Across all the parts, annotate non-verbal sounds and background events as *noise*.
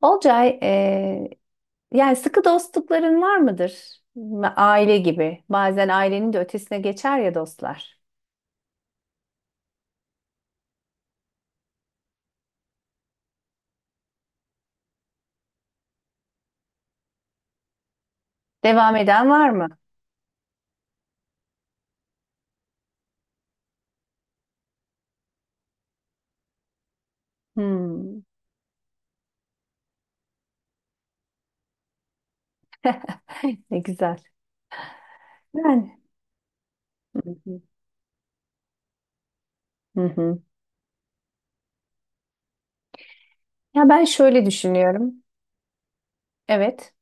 Olcay, yani sıkı dostlukların var mıdır? Aile gibi. Bazen ailenin de ötesine geçer ya dostlar. Devam eden var mı? Hmm. *laughs* Ne güzel. Ben. Hı hı. Hı hı. Ya ben şöyle düşünüyorum. Evet,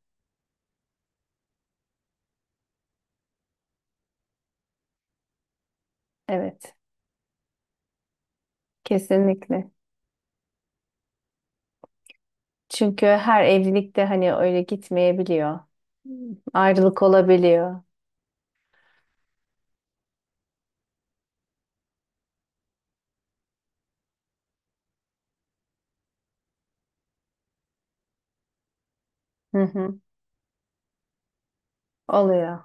evet. Kesinlikle. Çünkü her evlilikte hani öyle gitmeyebiliyor. Ayrılık olabiliyor. Hı hı. Oluyor.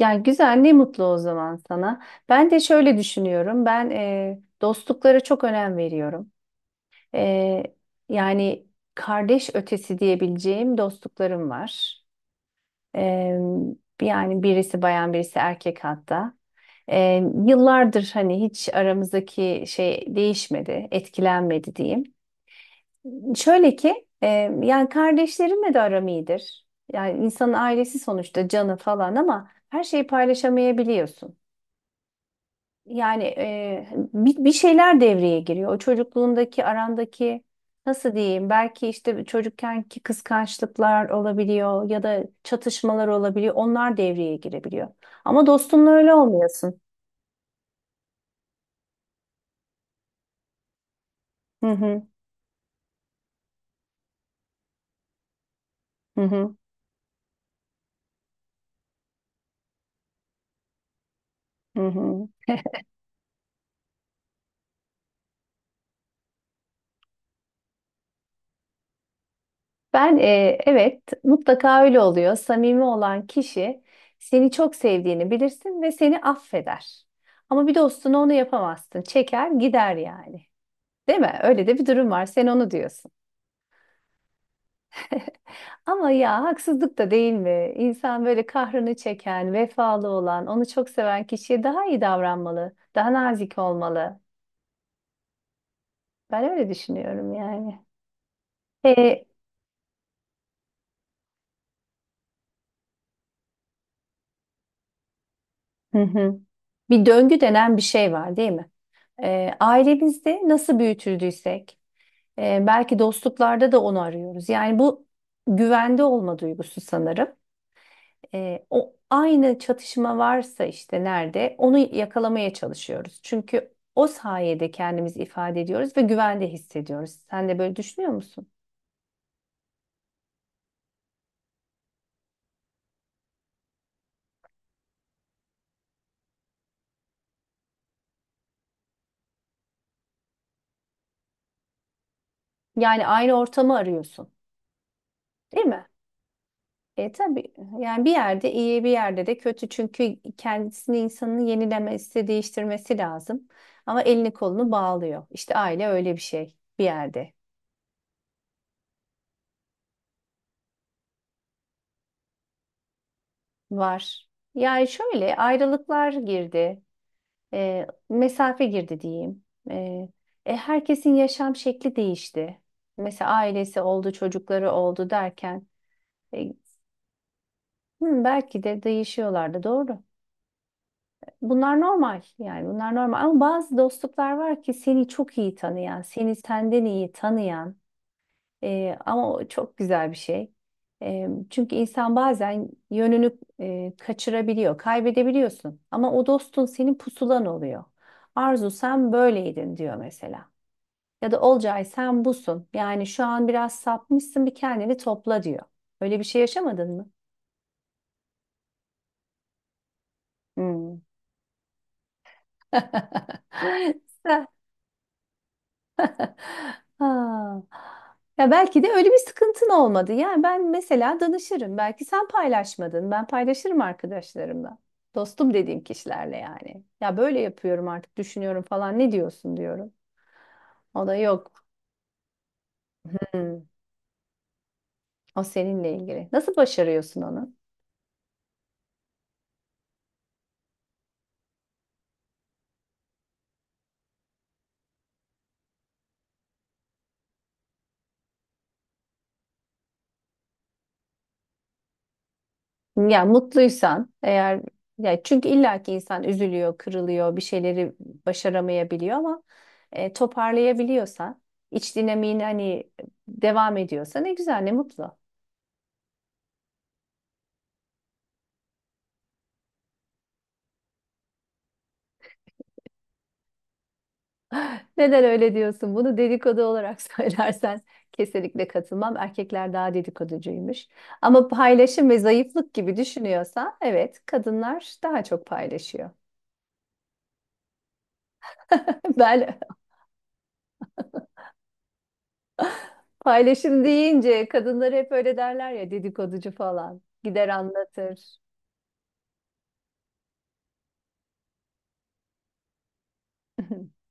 Ya güzel, ne mutlu o zaman sana. Ben de şöyle düşünüyorum. Ben dostluklara çok önem veriyorum. E, yani kardeş ötesi diyebileceğim dostluklarım var. E, yani birisi bayan, birisi erkek hatta. Yıllardır hani hiç aramızdaki şey değişmedi, etkilenmedi diyeyim. Şöyle ki, yani kardeşlerimle de aram iyidir. Yani insanın ailesi sonuçta canı falan ama her şeyi paylaşamayabiliyorsun. Yani, bir şeyler devreye giriyor. O çocukluğundaki arandaki nasıl diyeyim? Belki işte çocukkenki kıskançlıklar olabiliyor ya da çatışmalar olabiliyor. Onlar devreye girebiliyor. Ama dostunla öyle olmuyorsun. Hı hı, hı hı, hı hı. Ben, evet mutlaka öyle oluyor. Samimi olan kişi seni çok sevdiğini bilirsin ve seni affeder. Ama bir dostuna onu yapamazsın. Çeker gider yani. Değil mi? Öyle de bir durum var. Sen onu diyorsun. *laughs* Ama ya haksızlık da değil mi? İnsan böyle kahrını çeken, vefalı olan, onu çok seven kişiye daha iyi davranmalı, daha nazik olmalı. Ben öyle düşünüyorum yani. E, hı hı. Bir döngü denen bir şey var, değil mi? Ailemizde nasıl büyütüldüysek, belki dostluklarda da onu arıyoruz. Yani bu güvende olma duygusu sanırım. O aynı çatışma varsa işte nerede onu yakalamaya çalışıyoruz. Çünkü o sayede kendimizi ifade ediyoruz ve güvende hissediyoruz. Sen de böyle düşünüyor musun? Yani aynı ortamı arıyorsun, değil mi? E tabii yani bir yerde iyi bir yerde de kötü çünkü kendisini insanın yenilemesi, değiştirmesi lazım. Ama elini kolunu bağlıyor. İşte aile öyle bir şey bir yerde var. Yani şöyle ayrılıklar girdi. Mesafe girdi diyeyim. E, herkesin yaşam şekli değişti. Mesela ailesi oldu, çocukları oldu derken e, hı, belki de değişiyorlardı. Doğru. Bunlar normal yani bunlar normal ama bazı dostluklar var ki seni çok iyi tanıyan, seni senden iyi tanıyan, ama o çok güzel bir şey. Çünkü insan bazen yönünü kaçırabiliyor, kaybedebiliyorsun ama o dostun senin pusulan oluyor. Arzu sen böyleydin diyor mesela. Ya da Olcay sen busun. Yani şu an biraz sapmışsın bir kendini topla diyor. Öyle bir şey yaşamadın mı? Hmm. *laughs* Sen- Ha. Ya belki de öyle bir sıkıntın olmadı. Yani ben mesela danışırım. Belki sen paylaşmadın. Ben paylaşırım arkadaşlarımla. Dostum dediğim kişilerle yani. Ya böyle yapıyorum artık düşünüyorum falan. Ne diyorsun diyorum. O da yok. Hmm. O seninle ilgili. Nasıl başarıyorsun onu? Ya mutluysan eğer ya çünkü illaki insan üzülüyor, kırılıyor, bir şeyleri başaramayabiliyor ama toparlayabiliyorsan, iç dinamiğini hani devam ediyorsa ne güzel, ne mutlu. Neden öyle diyorsun? Bunu dedikodu olarak *laughs* söylersen kesinlikle katılmam. Erkekler daha dedikoducuymuş. Ama paylaşım ve zayıflık gibi düşünüyorsa evet, kadınlar daha çok paylaşıyor. *laughs* Ben paylaşım deyince kadınları hep öyle derler ya dedikoducu falan. Gider anlatır. *laughs*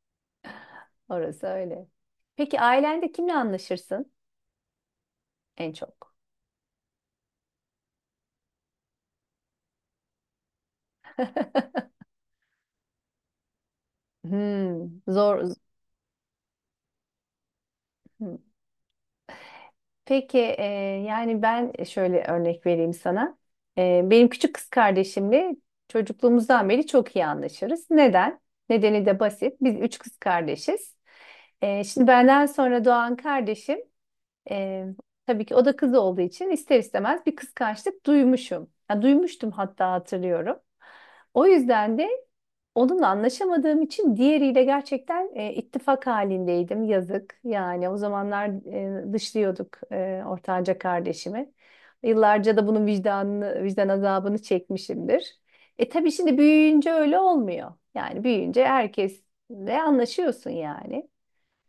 Orası öyle. Peki ailende kimle anlaşırsın en çok? *laughs* Hmm, zor. Hmm. Peki, yani ben şöyle örnek vereyim sana. Benim küçük kız kardeşimle çocukluğumuzdan beri çok iyi anlaşırız. Neden? Nedeni de basit. Biz üç kız kardeşiz. Şimdi benden sonra doğan kardeşim e, tabii ki o da kız olduğu için ister istemez bir kıskançlık duymuşum. Ya duymuştum hatta hatırlıyorum. O yüzden de onunla anlaşamadığım için diğeriyle gerçekten ittifak halindeydim. Yazık. Yani o zamanlar dışlıyorduk ortanca kardeşimi. Yıllarca da bunun vicdanını, vicdan azabını çekmişimdir. E tabii şimdi büyüyünce öyle olmuyor. Yani büyüyünce herkesle anlaşıyorsun yani.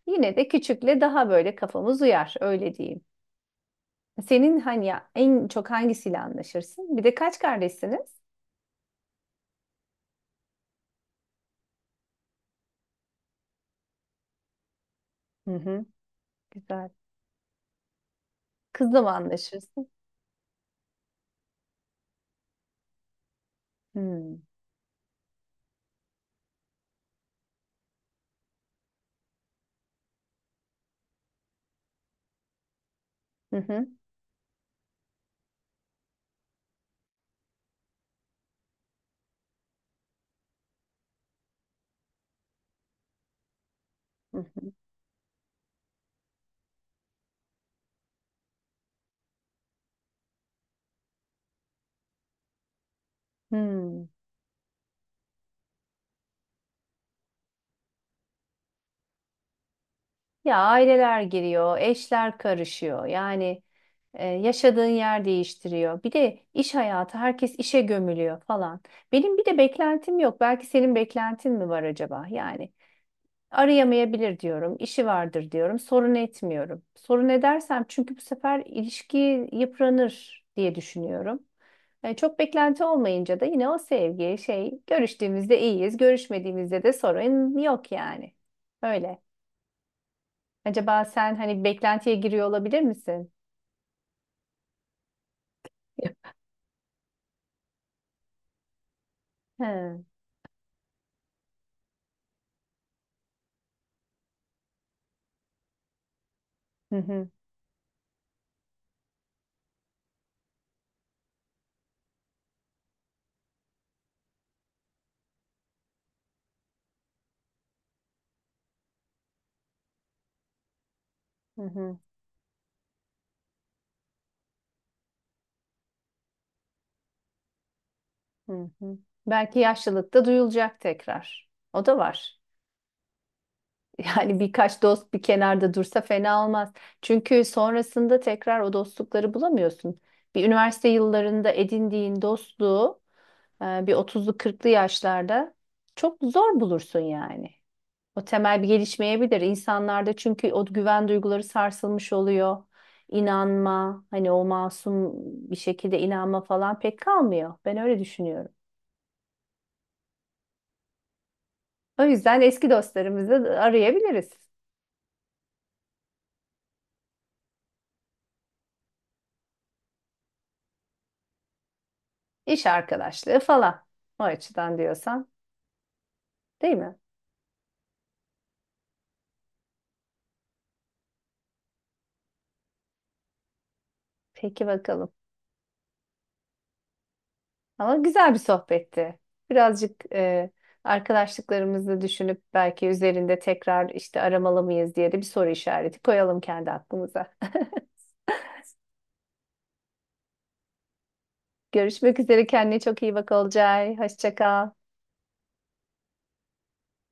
Yine de küçükle daha böyle kafamız uyar, öyle diyeyim. Senin hani ya, en çok hangisiyle anlaşırsın? Bir de kaç kardeşsiniz? Hı hı, güzel. Kızla mı anlaşırsın? Hı. Hı hı. Hı hı. Hmm. Ya aileler giriyor, eşler karışıyor. Yani, yaşadığın yer değiştiriyor. Bir de iş hayatı, herkes işe gömülüyor falan. Benim bir de beklentim yok. Belki senin beklentin mi var acaba? Yani arayamayabilir diyorum, işi vardır diyorum, sorun etmiyorum. Sorun edersem çünkü bu sefer ilişki yıpranır diye düşünüyorum. Çok beklenti olmayınca da yine o sevgi şey görüştüğümüzde iyiyiz, görüşmediğimizde de sorun yok yani. Öyle. Acaba sen hani beklentiye giriyor olabilir misin? He. Hı hı, hı hı, hı hı. Belki yaşlılıkta duyulacak tekrar. O da var. *laughs* Yani birkaç dost bir kenarda dursa fena olmaz. Çünkü sonrasında tekrar o dostlukları bulamıyorsun. Bir üniversite yıllarında edindiğin dostluğu bir 30'lu 40'lı yaşlarda çok zor bulursun yani. O temel bir gelişmeyebilir insanlarda çünkü o güven duyguları sarsılmış oluyor. İnanma, hani o masum bir şekilde inanma falan pek kalmıyor. Ben öyle düşünüyorum. O yüzden eski dostlarımızı arayabiliriz. İş arkadaşlığı falan. O açıdan diyorsan, değil mi? Peki bakalım. Ama güzel bir sohbetti. Birazcık, arkadaşlıklarımızı düşünüp belki üzerinde tekrar işte aramalı mıyız diye de bir soru işareti koyalım kendi aklımıza. *laughs* Görüşmek üzere. Kendine çok iyi bak Olcay. Hoşça kal.